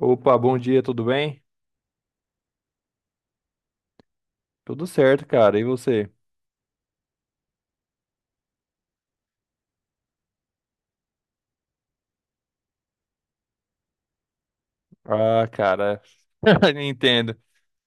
Opa, bom dia, tudo bem? Tudo certo, cara. E você? Ah, cara, entendo.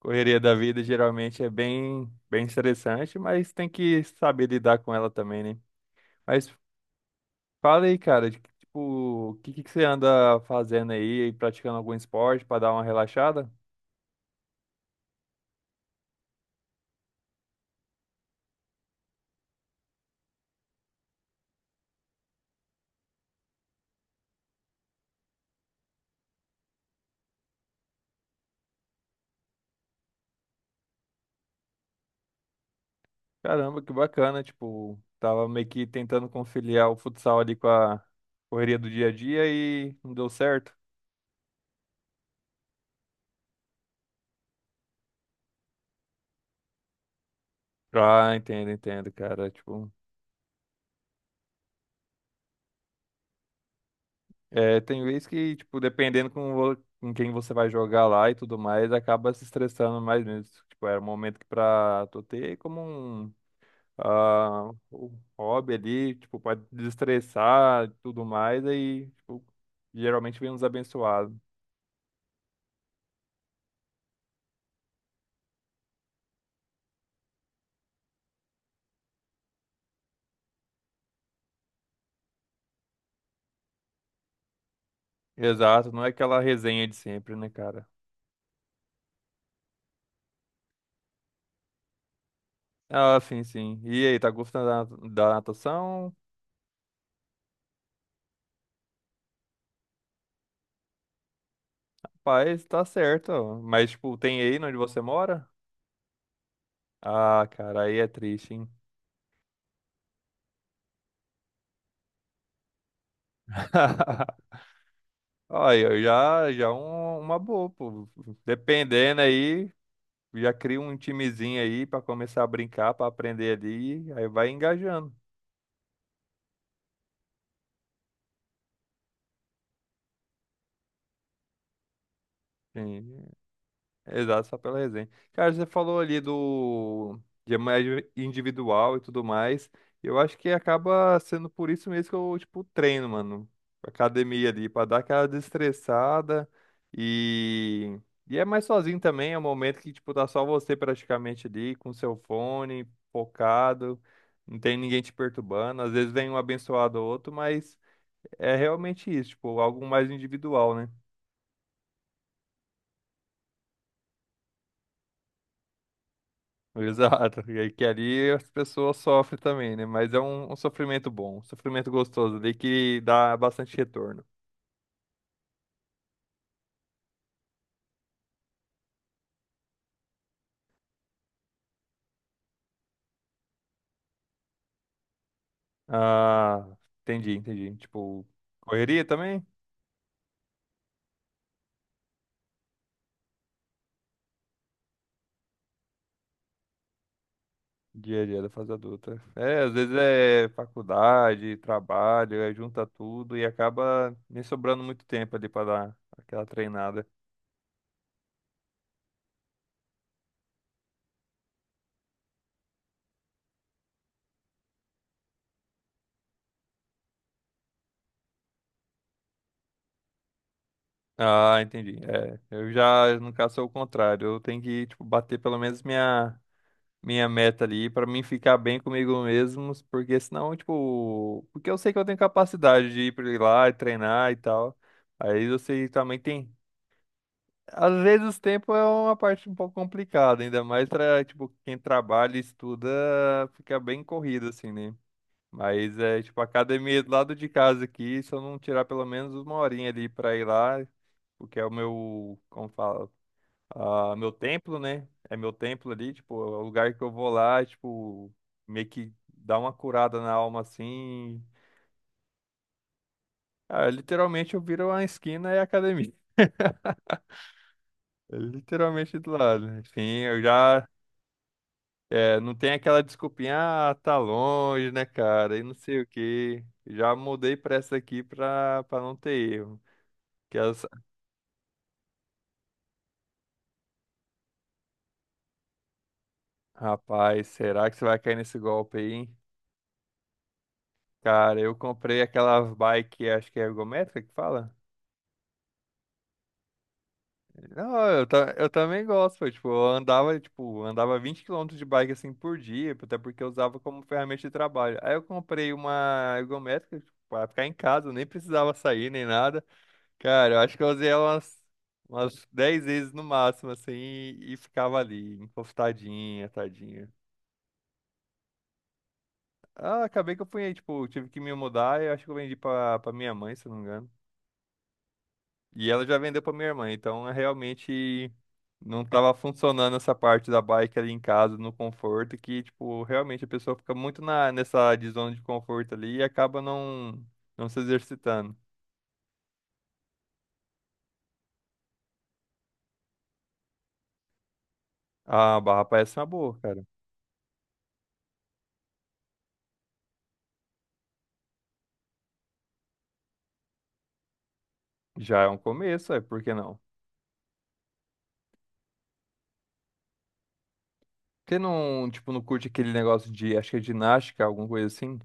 Correria da vida geralmente é bem, bem estressante, mas tem que saber lidar com ela também, né? Mas fala aí, cara, tipo, o que você anda fazendo aí, praticando algum esporte para dar uma relaxada? Caramba, que bacana, tipo, tava meio que tentando conciliar o futsal ali com a correria do dia a dia e não deu certo. Ah, entendo, entendo, cara, tipo. É, tem vez que, tipo, dependendo com quem você vai jogar lá e tudo mais, acaba se estressando mais mesmo. Tipo, era um momento que pra tu ter como um, ah, um hobby ali, tipo, pra desestressar e tudo mais, aí, tipo, geralmente vem uns abençoados. Exato, não é aquela resenha de sempre, né, cara? Ah, sim, sim. E aí, tá gostando da natação? Pai, tá certo, ó. Mas, tipo, tem aí onde você mora? Ah, cara, aí é triste, hein? Aí, ó, já é uma boa, pô. Dependendo aí, já cria um timezinho aí pra começar a brincar, pra aprender ali, aí vai engajando. Sim. Exato, só pela resenha. Cara, você falou ali do de médio individual e tudo mais. Eu acho que acaba sendo por isso mesmo que eu, tipo, treino, mano. Academia ali, pra dar aquela desestressada. E, e é mais sozinho também, é um momento que, tipo, tá só você praticamente ali, com seu fone, focado. Não tem ninguém te perturbando. Às vezes vem um abençoado ou outro, mas é realmente isso, tipo, algo mais individual, né? Exato. E aí que ali as pessoas sofrem também, né? Mas é um sofrimento bom, um sofrimento gostoso ali que dá bastante retorno. Ah, entendi, entendi. Tipo, correria também? Dia a dia da fase adulta. É, às vezes é faculdade, trabalho, aí junta tudo e acaba nem sobrando muito tempo ali para dar aquela treinada. Ah, entendi. É, eu já, no caso, sou o contrário. Eu tenho que, tipo, bater pelo menos minha, minha meta ali pra mim ficar bem comigo mesmo, porque senão, tipo, porque eu sei que eu tenho capacidade de ir pra lá e treinar e tal. Aí eu sei que também tem, às vezes o tempo é uma parte um pouco complicada, ainda mais pra, tipo, quem trabalha e estuda, fica bem corrido assim, né? Mas é, tipo, a academia é do lado de casa aqui, se eu não tirar pelo menos uma horinha ali pra ir lá, porque é o meu, como fala, ah, meu templo, né? É meu templo ali, tipo, é o lugar que eu vou lá, tipo, meio que dá uma curada na alma assim. Ah, literalmente eu viro uma esquina e é academia. É literalmente do lado. Enfim, eu já. É, não tem aquela desculpinha, ah, tá longe, né, cara? E não sei o quê. Já mudei pra essa aqui pra não ter erro. Que as... Rapaz, será que você vai cair nesse golpe aí, hein? Cara, eu comprei aquela bike, acho que é ergométrica que fala? Não, eu também gosto, foi, tipo, eu andava, tipo, andava 20 km de bike, assim, por dia, até porque eu usava como ferramenta de trabalho. Aí eu comprei uma ergométrica, tipo, pra ficar em casa, eu nem precisava sair, nem nada. Cara, eu acho que eu usei ela umas 10 vezes no máximo, assim, e ficava ali, encostadinha, tadinha. Ah, acabei que eu fui, tipo, tive que me mudar, e eu acho que eu vendi pra minha mãe, se eu não me engano. E ela já vendeu pra minha irmã, então é realmente não tava funcionando essa parte da bike ali em casa, no conforto, que, tipo, realmente a pessoa fica muito na, nessa de zona de conforto ali e acaba não se exercitando. A barra parece uma boa, cara. Já é um começo, é, por que não? Porque não, tipo, não curte aquele negócio de, acho que é ginástica, alguma coisa assim?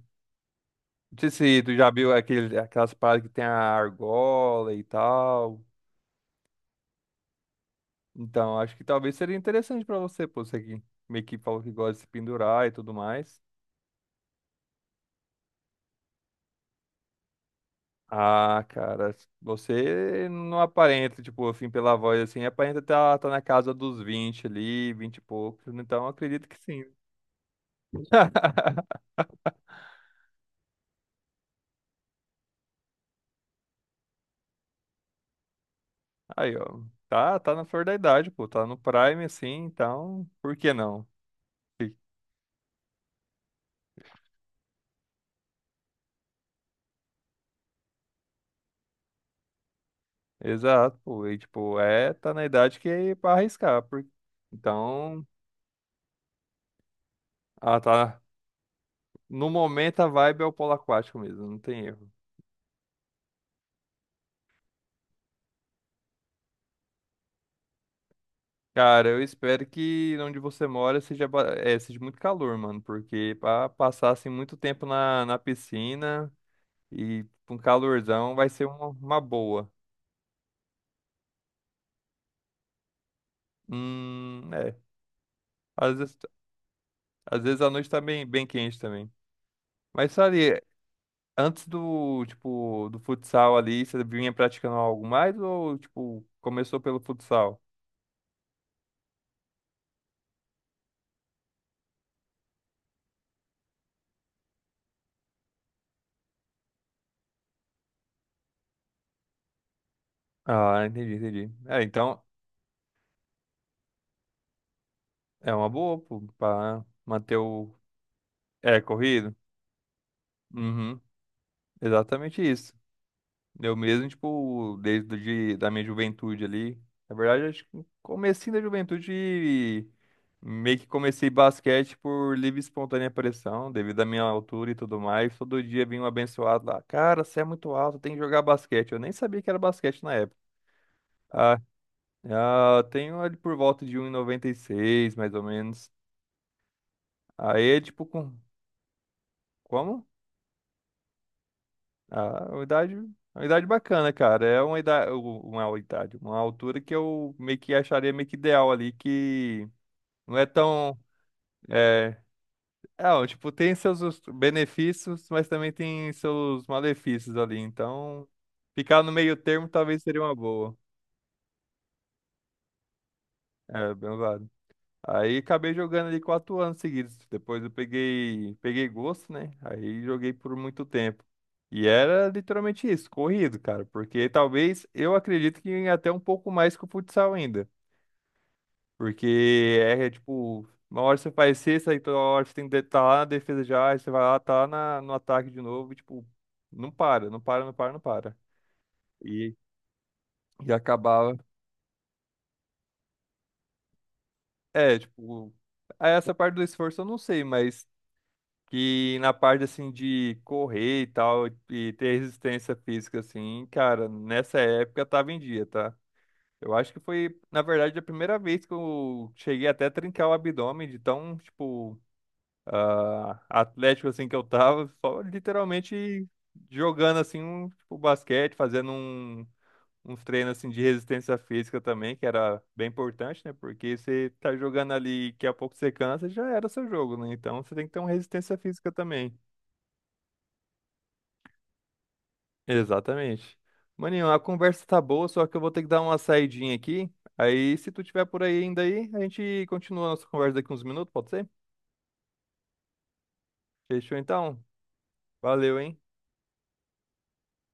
Não sei se tu já viu aquelas paradas que tem a argola e tal. Então, acho que talvez seria interessante pra você, pô, você que meio que falou que gosta de se pendurar e tudo mais. Ah, cara, você não aparenta, tipo, assim, pela voz, assim, aparenta tá na casa dos 20 ali, 20 e poucos, então eu acredito que sim. Aí, ó, tá na flor da idade, pô, tá no prime, assim, então, por que não? Exato, pô, e, tipo, é, tá na idade que é pra arriscar, por... então, ah, tá, no momento a vibe é o polo aquático mesmo, não tem erro. Cara, eu espero que onde você mora seja, é, seja muito calor, mano, porque para passar assim muito tempo na, na piscina e com calorzão vai ser uma boa. É. Às vezes, às vezes a noite tá bem, bem quente também. Mas sabe, antes do, tipo, do futsal ali, você vinha praticando algo mais ou, tipo, começou pelo futsal? Ah, entendi, entendi. É, então é uma boa, pô, pra manter o. É, corrido? Uhum, exatamente isso. Eu mesmo, tipo, da minha juventude ali. Na verdade, acho que no comecinho da juventude, meio que comecei basquete por livre e espontânea pressão, devido à minha altura e tudo mais. Todo dia vinha um abençoado lá. Cara, você é muito alto, tem que jogar basquete. Eu nem sabia que era basquete na época. Ah, ah, tenho ali por volta de 1,96 mais ou menos. Aí, é, tipo, com... Como? Ah, uma idade bacana, cara. É uma idade, uma idade, uma altura que eu meio que acharia meio que ideal ali, que não é tão, é, é, ó, tipo, tem seus benefícios, mas também tem seus malefícios ali. Então, ficar no meio termo talvez seria uma boa. É, bem. Aí acabei jogando ali 4 anos seguidos. Depois eu peguei gosto, né? Aí joguei por muito tempo. E era literalmente isso, corrido, cara. Porque talvez eu acredito que até um pouco mais que o futsal ainda. Porque tipo, uma hora você faz cesta, aí toda hora você tem que estar lá na defesa já, aí você vai lá, tá lá na, no ataque de novo, e tipo, não para, não para, não para, não para. E, e acabava. É, tipo, essa parte do esforço eu não sei, mas. Que na parte assim de correr e tal e ter resistência física assim, cara, nessa época tava em dia, tá? Eu acho que foi, na verdade, a primeira vez que eu cheguei até a trincar o abdômen de tão, tipo, ah, atlético assim que eu tava, só literalmente jogando assim um, tipo, basquete, fazendo uns treinos assim de resistência física também, que era bem importante, né? Porque você tá jogando ali, daqui a pouco você cansa, já era seu jogo, né? Então você tem que ter uma resistência física também. Exatamente. Maninho, a conversa tá boa, só que eu vou ter que dar uma saidinha aqui. Aí, se tu tiver por aí ainda aí, a gente continua a nossa conversa daqui uns minutos, pode ser? Fechou então? Valeu, hein?